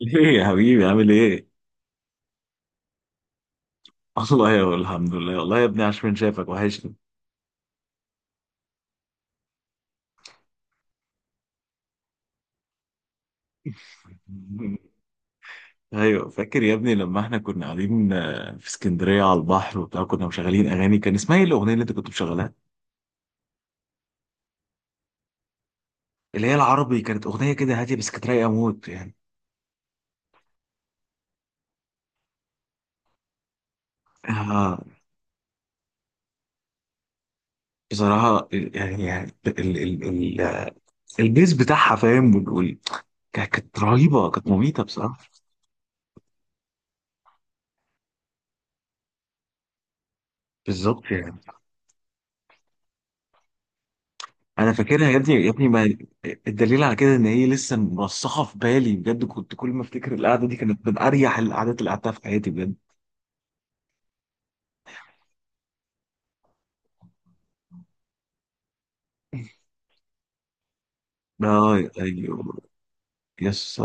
ليه يا حبيبي عامل ايه؟ الله يا الحمد لله والله يا ابني عاش من شافك وحشني ايوه فاكر يا ابني لما احنا كنا قاعدين في اسكندريه على البحر وبتاع كنا مشغلين اغاني كان اسمها ايه الاغنيه اللي انت كنت مشغلها؟ اللي هي العربي كانت اغنيه كده هاديه بس كانت رايقه موت يعني. آه، بصراحه يعني ال البيز بتاعها فاهم كانت رهيبه كانت مميته بصراحه. بالظبط يعني. انا فاكرها يا ابني يا ابني ما الدليل على كده ان هي لسه مرسخه في بالي بجد، كنت كل ما افتكر القعده دي كانت من اريح القعدات اللي قعدتها في حياتي بجد. اه، ايوه. يس،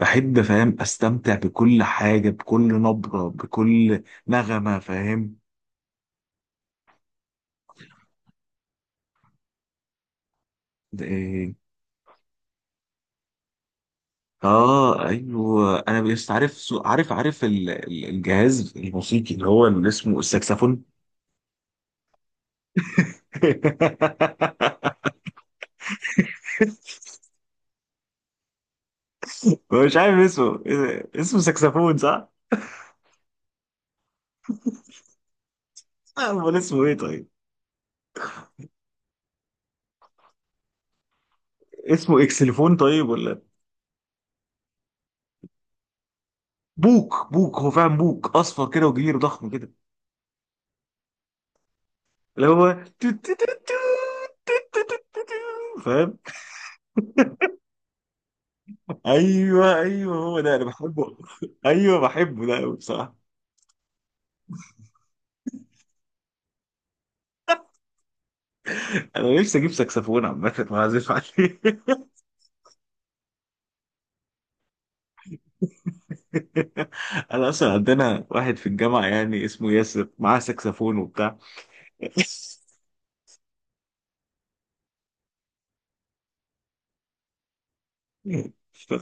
بحب فاهم استمتع بكل حاجه بكل نبره بكل نغمه فاهم. ده إيه؟ اه ايوه، انا بس عارف عارف الجهاز الموسيقي اللي هو اللي اسمه الساكسفون. مش عارف اسمه إيه ده؟ اسمه ساكسفون. لا، امال اسمه ايه طيب؟ اسمه اكسليفون طيب ولا؟ بوك بوك، هو فعلا بوك اصفر كده وكبير ضخم كده، اللي هو تو- تو- فاهم. ايوه ايوه، هو ده انا بحبه. ايوه بحبه ده قوي بصراحه. انا نفسي اجيب ساكسفون عامه واعزف عليه. انا اصلا عندنا واحد في الجامعه يعني اسمه ياسر معاه ساكسفون وبتاع. ف-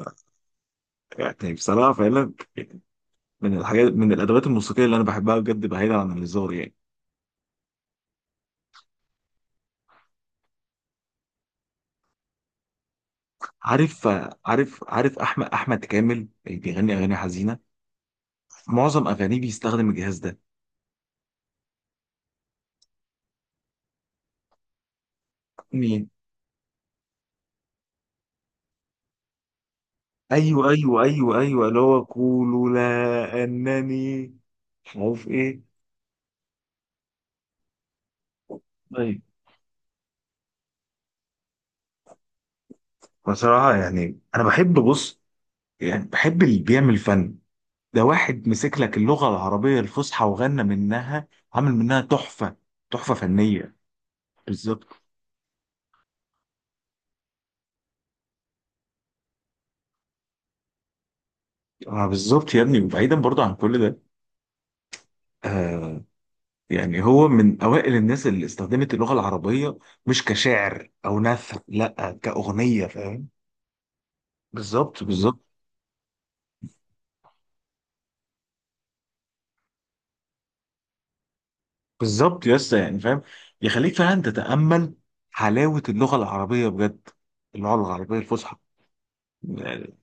يعني بصراحه فعلا من الحاجات من الادوات الموسيقيه اللي انا بحبها بجد بعيدا عن الهزار يعني. عارف عارف، عارف احمد، احمد كامل بيغني اغاني حزينه. في معظم اغانيه بيستخدم الجهاز ده. مين؟ ايوه ايوه ايوه ايوه، اللي هو قولوا لا انني مش عارف ايه. طيب بصراحه يعني انا بحب بص، يعني بحب اللي بيعمل فن. ده واحد مسك لك اللغه العربيه الفصحى وغنى منها، عامل منها تحفه، تحفه فنيه. بالظبط. آه بالظبط يا ابني، وبعيدا برضه عن كل ده آه، يعني هو من أوائل الناس اللي استخدمت اللغة العربية مش كشعر أو نثر، لأ كأغنية فاهم. بالظبط بالظبط. بالظبط يا اسطى يعني فاهم، يخليك فعلا تتأمل حلاوة اللغة العربية بجد، اللغة العربية الفصحى. يعني-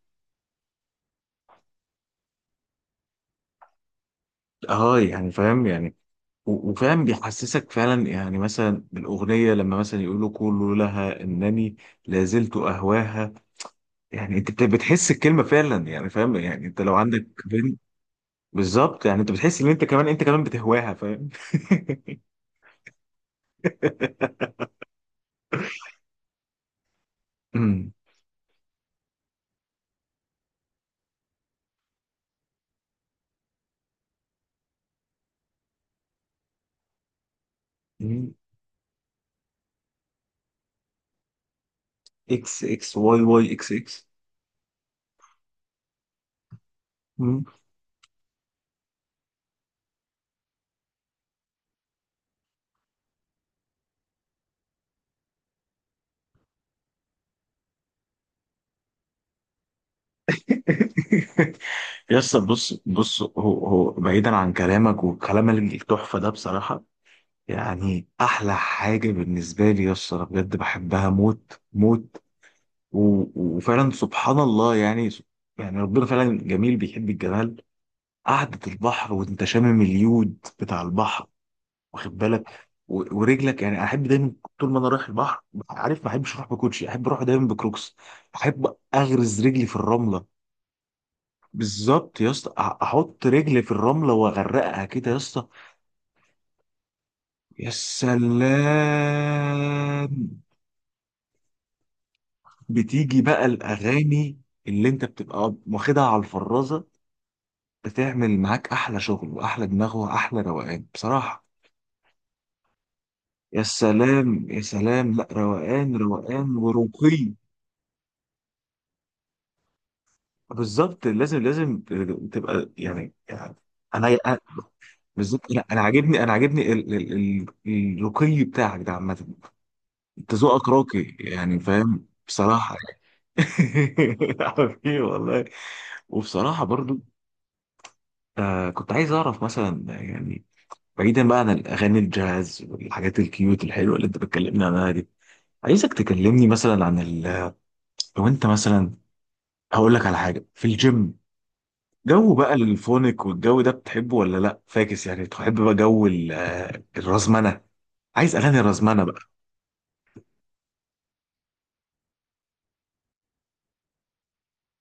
اه يعني فاهم يعني، وفاهم بيحسسك فعلا يعني مثلا بالأغنية لما مثلا يقولوا قولوا لها إنني لازلت أهواها. يعني أنت بتحس الكلمة فعلا يعني فاهم يعني أنت لو عندك بنت، بالظبط يعني انت بتحس ان انت كمان انت كمان بتهواها فاهم. أمم. اكس اكس واي واي اكس اكس. أمم. يا اسطى بص بص، هو هو بعيدا عن كلامك والكلام التحفه ده بصراحه، يعني احلى حاجه بالنسبه لي يا اسطى أنا بجد بحبها موت موت. و- وفعلا سبحان الله يعني، يعني ربنا فعلا جميل بيحب الجمال. قعدة البحر وانت شامم اليود بتاع البحر واخد بالك، ورجلك يعني احب دايما طول ما انا رايح البحر. عارف ما احبش اروح بكوتشي، احب اروح دايما بكروكس، احب اغرز رجلي في الرمله. بالظبط يا اسطى احط رجلي في الرمله واغرقها كده يا اسطى. يا سلام. بتيجي بقى الاغاني اللي انت بتبقى واخدها على الفرازه، بتعمل معاك احلى شغل واحلى دماغ واحلى روقان بصراحه. يا سلام يا سلام، لا روقان روقان ورقي. بالظبط لازم لازم تبقى يعني انا أنا- بالظبط انا انا عاجبني انا عاجبني الرقي بتاعك ده عامه. انت ذوقك راقي يعني فاهم بصراحه يعني. حبيبي والله. وبصراحه برضو آه، كنت عايز اعرف مثلا يعني، بعيدا بقى عن الاغاني الجاز والحاجات الكيوت الحلوه اللي انت بتكلمني عنها دي، عايزك تكلمني مثلا عن ال... لو انت مثلا هقول لك على حاجه في الجيم. جو بقى الفونك والجو ده بتحبه ولا لا فاكس يعني تحب بقى جو الرزمنه؟ عايز اغاني رزمنه بقى؟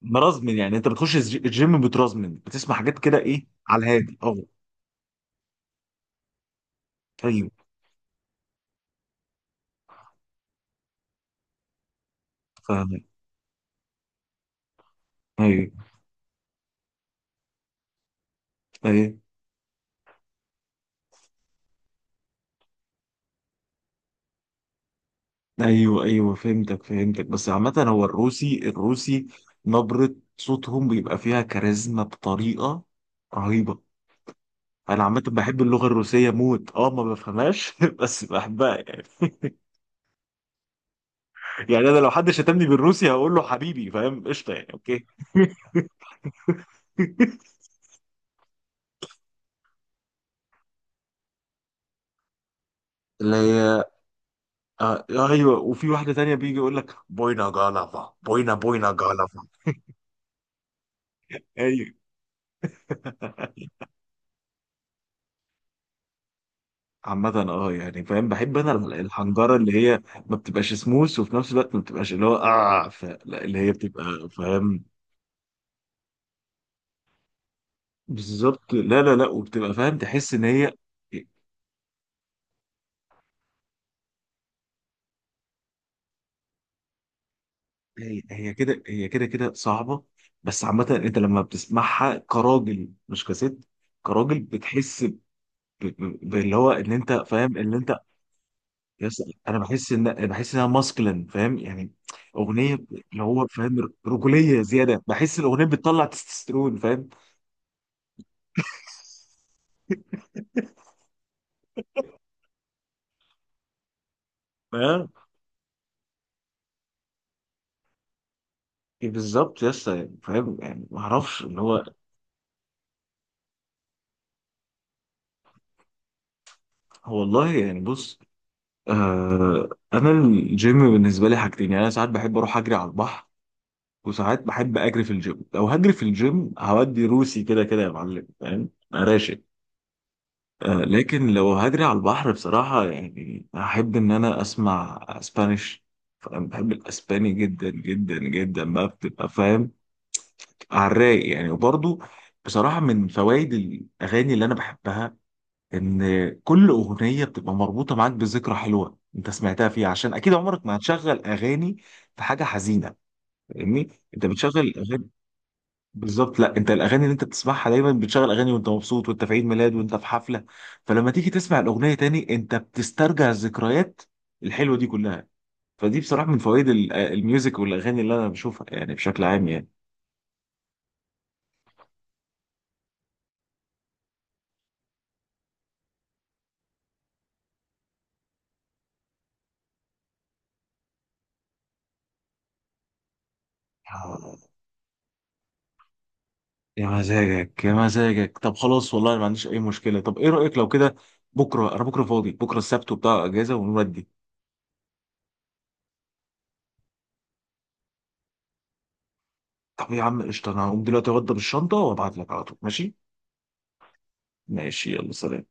مرزمن يعني انت بتخش الجيم بترزمن بتسمع حاجات كده ايه على الهادي؟ اه ايوه فاهم. ايوه ايوه ايوه، ايوه فهمتك فهمتك، بس عامه هو الروسي الروسي نبره صوتهم بيبقى فيها كاريزما بطريقه رهيبه. انا عامه بحب اللغه الروسيه موت، اه ما بفهمهاش بس بحبها يعني. يعني انا لو حد شتمني بالروسي هقول له حبيبي فاهم قشطه يعني اوكي. اللي هي آه ايوه، وفي واحده تانية بيجي يقول لك بوينا جالافا بوينا بوينا جالافا. ايوه. عامة اه يعني فاهم بحب انا الحنجرة اللي هي ما بتبقاش سموث وفي نفس الوقت ما بتبقاش اللي هو اه لا اللي هي بتبقى فاهم. بالظبط لا لا لا، وبتبقى فاهم تحس ان هي هي كده، هي كده كده صعبة، بس عامة انت لما بتسمعها كراجل مش كست، كراجل بتحس باللي هو ان انت فاهم ان انت. يس انا بحس ان بحس انها ماسكلين فاهم يعني. اغنية اللي هو فاهم رجولية زيادة بحس الاغنية بتطلع تستوستيرون فاهم. اه إيه بالظبط يس يعني فاهم يعني ما اعرفش اللي هو. هو والله يعني بص، آه انا الجيم بالنسبة لي حاجتين يعني، انا ساعات بحب اروح اجري على البحر وساعات بحب اجري في الجيم. لو هجري في الجيم هودي روسي كده كده يا معلم فاهم انا راشق. لكن لو هجري على البحر بصراحة يعني هحب ان انا اسمع اسبانيش، فانا بحب الاسباني جدا جدا جدا بقى بتبقى فاهم على الرايق يعني. وبرضه بصراحة من فوائد الاغاني اللي انا بحبها ان كل اغنية بتبقى مربوطة معاك بذكرى حلوة انت سمعتها فيها، عشان اكيد عمرك ما هتشغل اغاني في حاجة حزينة فاهمني، انت بتشغل اغاني. بالظبط، لا انت الاغاني اللي انت بتسمعها دايما بتشغل اغاني وانت مبسوط وانت في عيد ميلاد وانت في حفله، فلما تيجي تسمع الاغنيه تاني انت بتسترجع الذكريات الحلوه دي كلها. فدي بصراحه من فوائد الميوزك والاغاني اللي انا بشوفها يعني بشكل عام يعني. آه، يا مزاجك يا مزاجك. طب خلاص والله أنا ما عنديش اي مشكله، طب ايه رايك لو كده بكره؟ انا بكره فاضي، بكره السبت وبتاع اجازه ونودي. طب يا عم قشطه، انا هقوم دلوقتي اوضب الشنطه وابعت لك على طول ماشي. ماشي يلا سلام.